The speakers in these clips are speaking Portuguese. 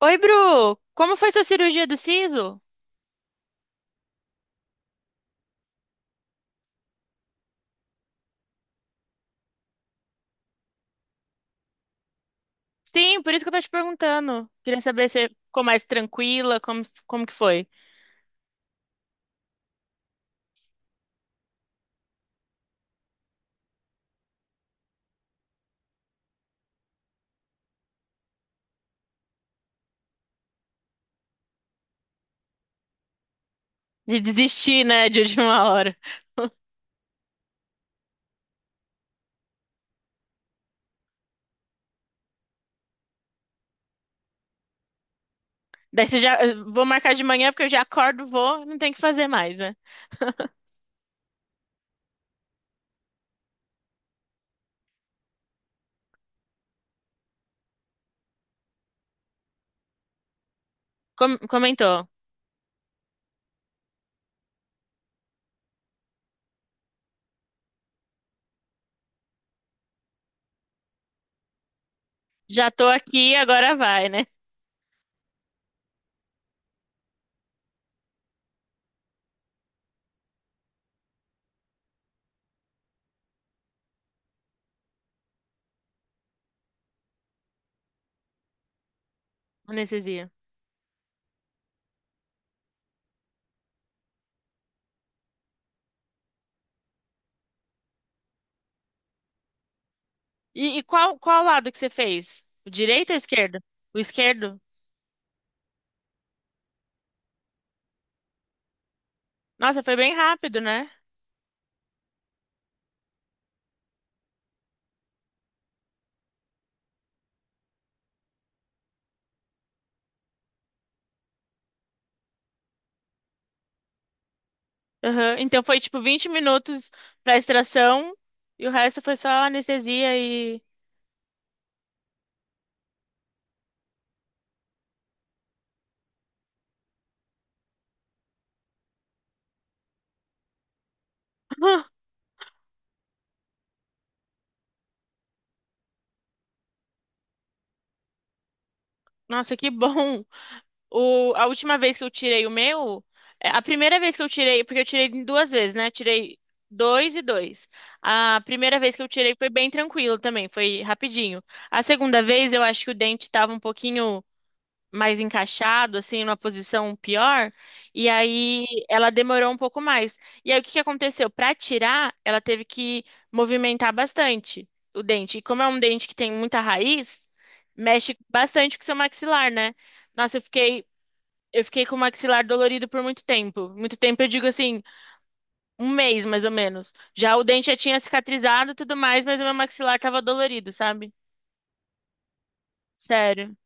Oi, Bru! Como foi sua cirurgia do siso? Sim, por isso que eu tô te perguntando. Queria saber se você ficou mais tranquila, como que foi? De desistir, né, de última hora. Daí você já... Vou marcar de manhã, porque eu já acordo, vou, não tem o que fazer mais, né? Com- comentou. Já tô aqui, agora vai, né? Anestesia. E, e qual lado que você fez? O direito ou o esquerdo? O esquerdo? Nossa, foi bem rápido, né? Aham. Então foi tipo 20 minutos pra extração... E o resto foi só anestesia. Ah, nossa, que bom! O, a última vez que eu tirei o meu, é, a primeira vez que eu tirei, porque eu tirei em duas vezes, né? Tirei dois e dois. A primeira vez que eu tirei foi bem tranquilo também, foi rapidinho. A segunda vez eu acho que o dente estava um pouquinho mais encaixado, assim, numa posição pior, e aí ela demorou um pouco mais. E aí o que que aconteceu? Para tirar, ela teve que movimentar bastante o dente. E como é um dente que tem muita raiz, mexe bastante com o seu maxilar, né? Nossa, eu fiquei com o maxilar dolorido por muito tempo. Muito tempo, eu digo assim, um mês mais ou menos. Já o dente já tinha cicatrizado e tudo mais, mas o meu maxilar tava dolorido, sabe? Sério.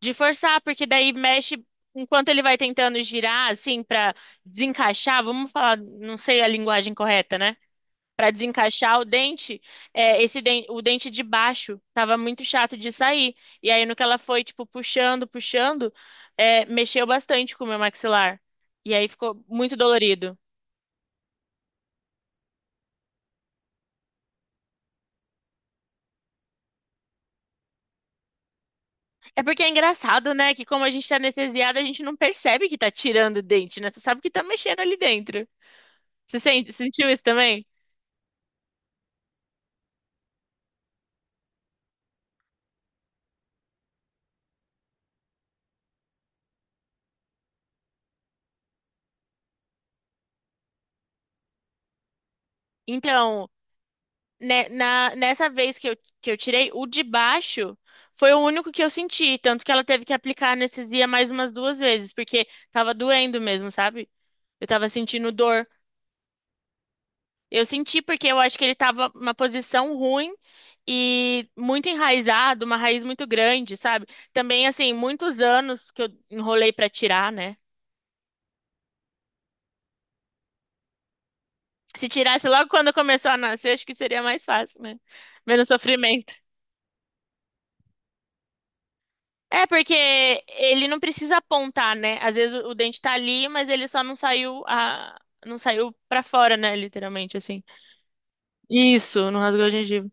De forçar, porque daí mexe enquanto ele vai tentando girar, assim, pra desencaixar. Vamos falar, não sei a linguagem correta, né? Pra desencaixar o dente, é, esse den- o dente de baixo tava muito chato de sair. E aí, no que ela foi, tipo, puxando, puxando, é, mexeu bastante com o meu maxilar. E aí ficou muito dolorido. É porque é engraçado, né? Que como a gente tá anestesiada, a gente não percebe que tá tirando o dente, né? Você sabe que tá mexendo ali dentro. Você sente, sentiu isso também? Então, né, na, nessa vez que eu tirei, o de baixo foi o único que eu senti, tanto que ela teve que aplicar anestesia mais umas duas vezes, porque tava doendo mesmo, sabe? Eu tava sentindo dor. Eu senti porque eu acho que ele tava numa posição ruim e muito enraizado, uma raiz muito grande, sabe? Também, assim, muitos anos que eu enrolei pra tirar, né? Se tirasse logo quando começou a nascer, acho que seria mais fácil, né? Menos sofrimento. É, porque ele não precisa apontar, né? Às vezes o dente tá ali, mas ele só não saiu a... não saiu pra fora, né? Literalmente, assim. Isso, não rasgou a gengiva.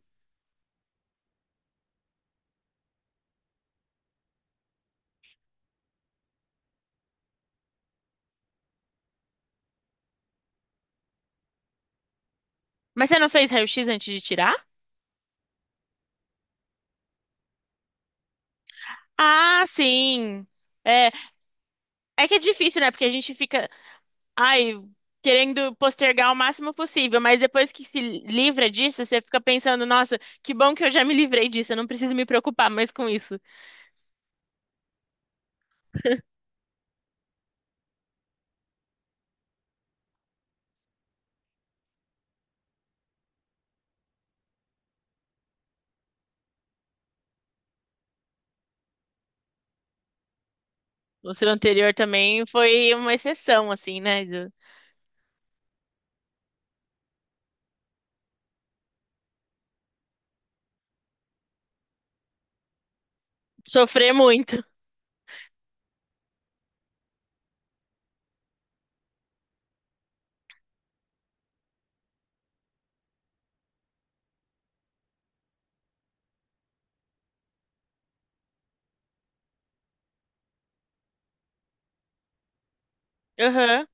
Mas você não fez raio-x antes de tirar? Ah, sim. É, é que é difícil, né? Porque a gente fica, ai, querendo postergar o máximo possível, mas depois que se livra disso, você fica pensando, nossa, que bom que eu já me livrei disso, eu não preciso me preocupar mais com isso. O seu anterior também foi uma exceção, assim, né? De sofrer muito. Aham.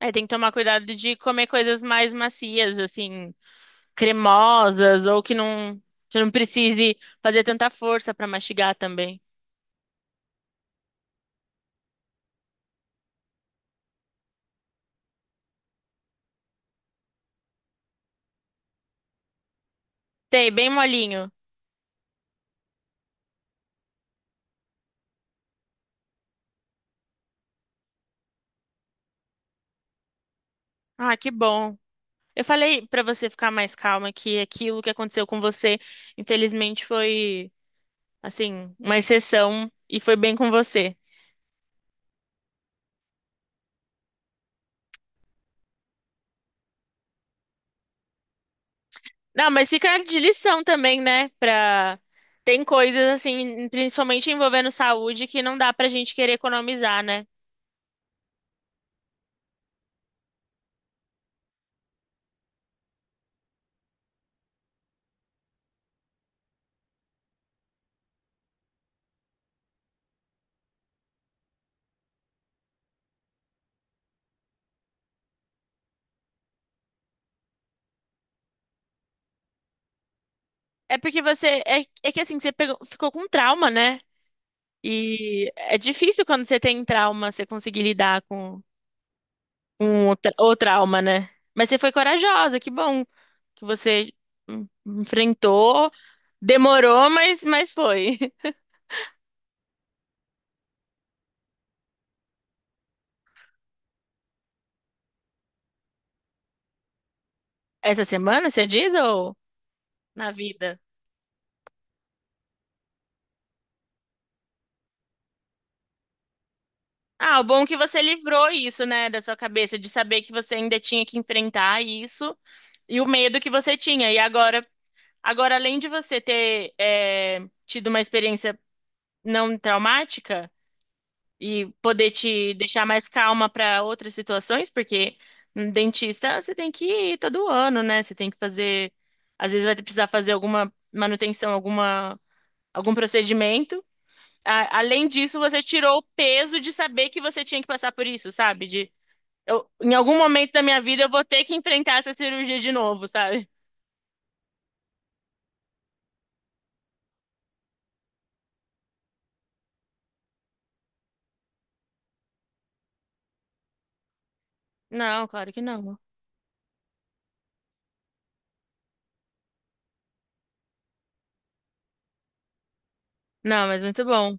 É, tem que tomar cuidado de comer coisas mais macias, assim, cremosas, ou que não, você não precise fazer tanta força pra mastigar também. Tem, bem molinho. Ah, que bom. Eu falei pra você ficar mais calma que aquilo que aconteceu com você, infelizmente, foi, assim, uma exceção e foi bem com você. Não, mas fica de lição também, né? Pra... Tem coisas, assim, principalmente envolvendo saúde, que não dá pra gente querer economizar, né? É porque você. É, é que assim, você pegou- ficou com trauma, né? E é difícil quando você tem trauma você conseguir lidar com o tra- o trauma, né? Mas você foi corajosa, que bom que você enfrentou. Demorou, mas foi. Essa semana, você diz, ou na vida? Ah, o bom é que você livrou isso, né, da sua cabeça, de saber que você ainda tinha que enfrentar isso e o medo que você tinha. E agora, além de você ter. É, tido uma experiência não traumática e poder te deixar mais calma para outras situações, porque no dentista você tem que ir todo ano, né? Você tem que fazer, às vezes vai precisar fazer alguma manutenção, alguma algum procedimento. A- além disso, você tirou o peso de saber que você tinha que passar por isso, sabe? De eu, em algum momento da minha vida eu vou ter que enfrentar essa cirurgia de novo, sabe? Não, claro que não. Não, mas muito bom.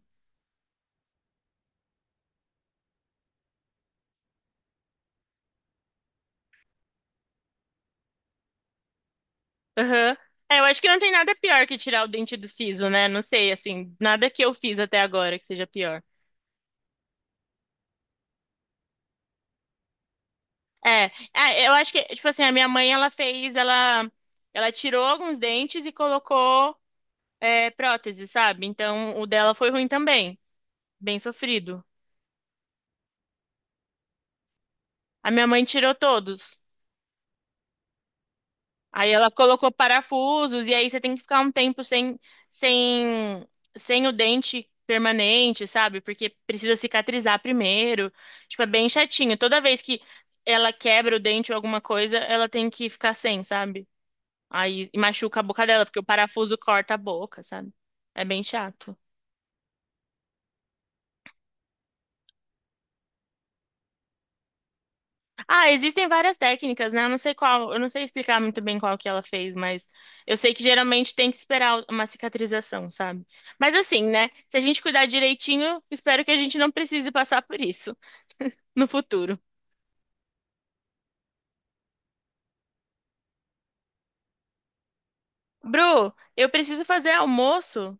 Aham. É, eu acho que não tem nada pior que tirar o dente do siso, né? Não sei, assim, nada que eu fiz até agora que seja pior. É, é, eu acho que, tipo assim, a minha mãe, ela tirou alguns dentes e colocou, é, prótese, sabe? Então, o dela foi ruim também, bem sofrido. A minha mãe tirou todos. Aí ela colocou parafusos, e aí você tem que ficar um tempo sem, sem o dente permanente, sabe? Porque precisa cicatrizar primeiro. Tipo, é bem chatinho. Toda vez que ela quebra o dente ou alguma coisa, ela tem que ficar sem, sabe? Aí e machuca a boca dela, porque o parafuso corta a boca, sabe? É bem chato. Ah, existem várias técnicas, né? Eu não sei qual, eu não sei explicar muito bem qual que ela fez, mas eu sei que geralmente tem que esperar uma cicatrização, sabe? Mas assim, né? Se a gente cuidar direitinho, espero que a gente não precise passar por isso no futuro. Bru, eu preciso fazer almoço.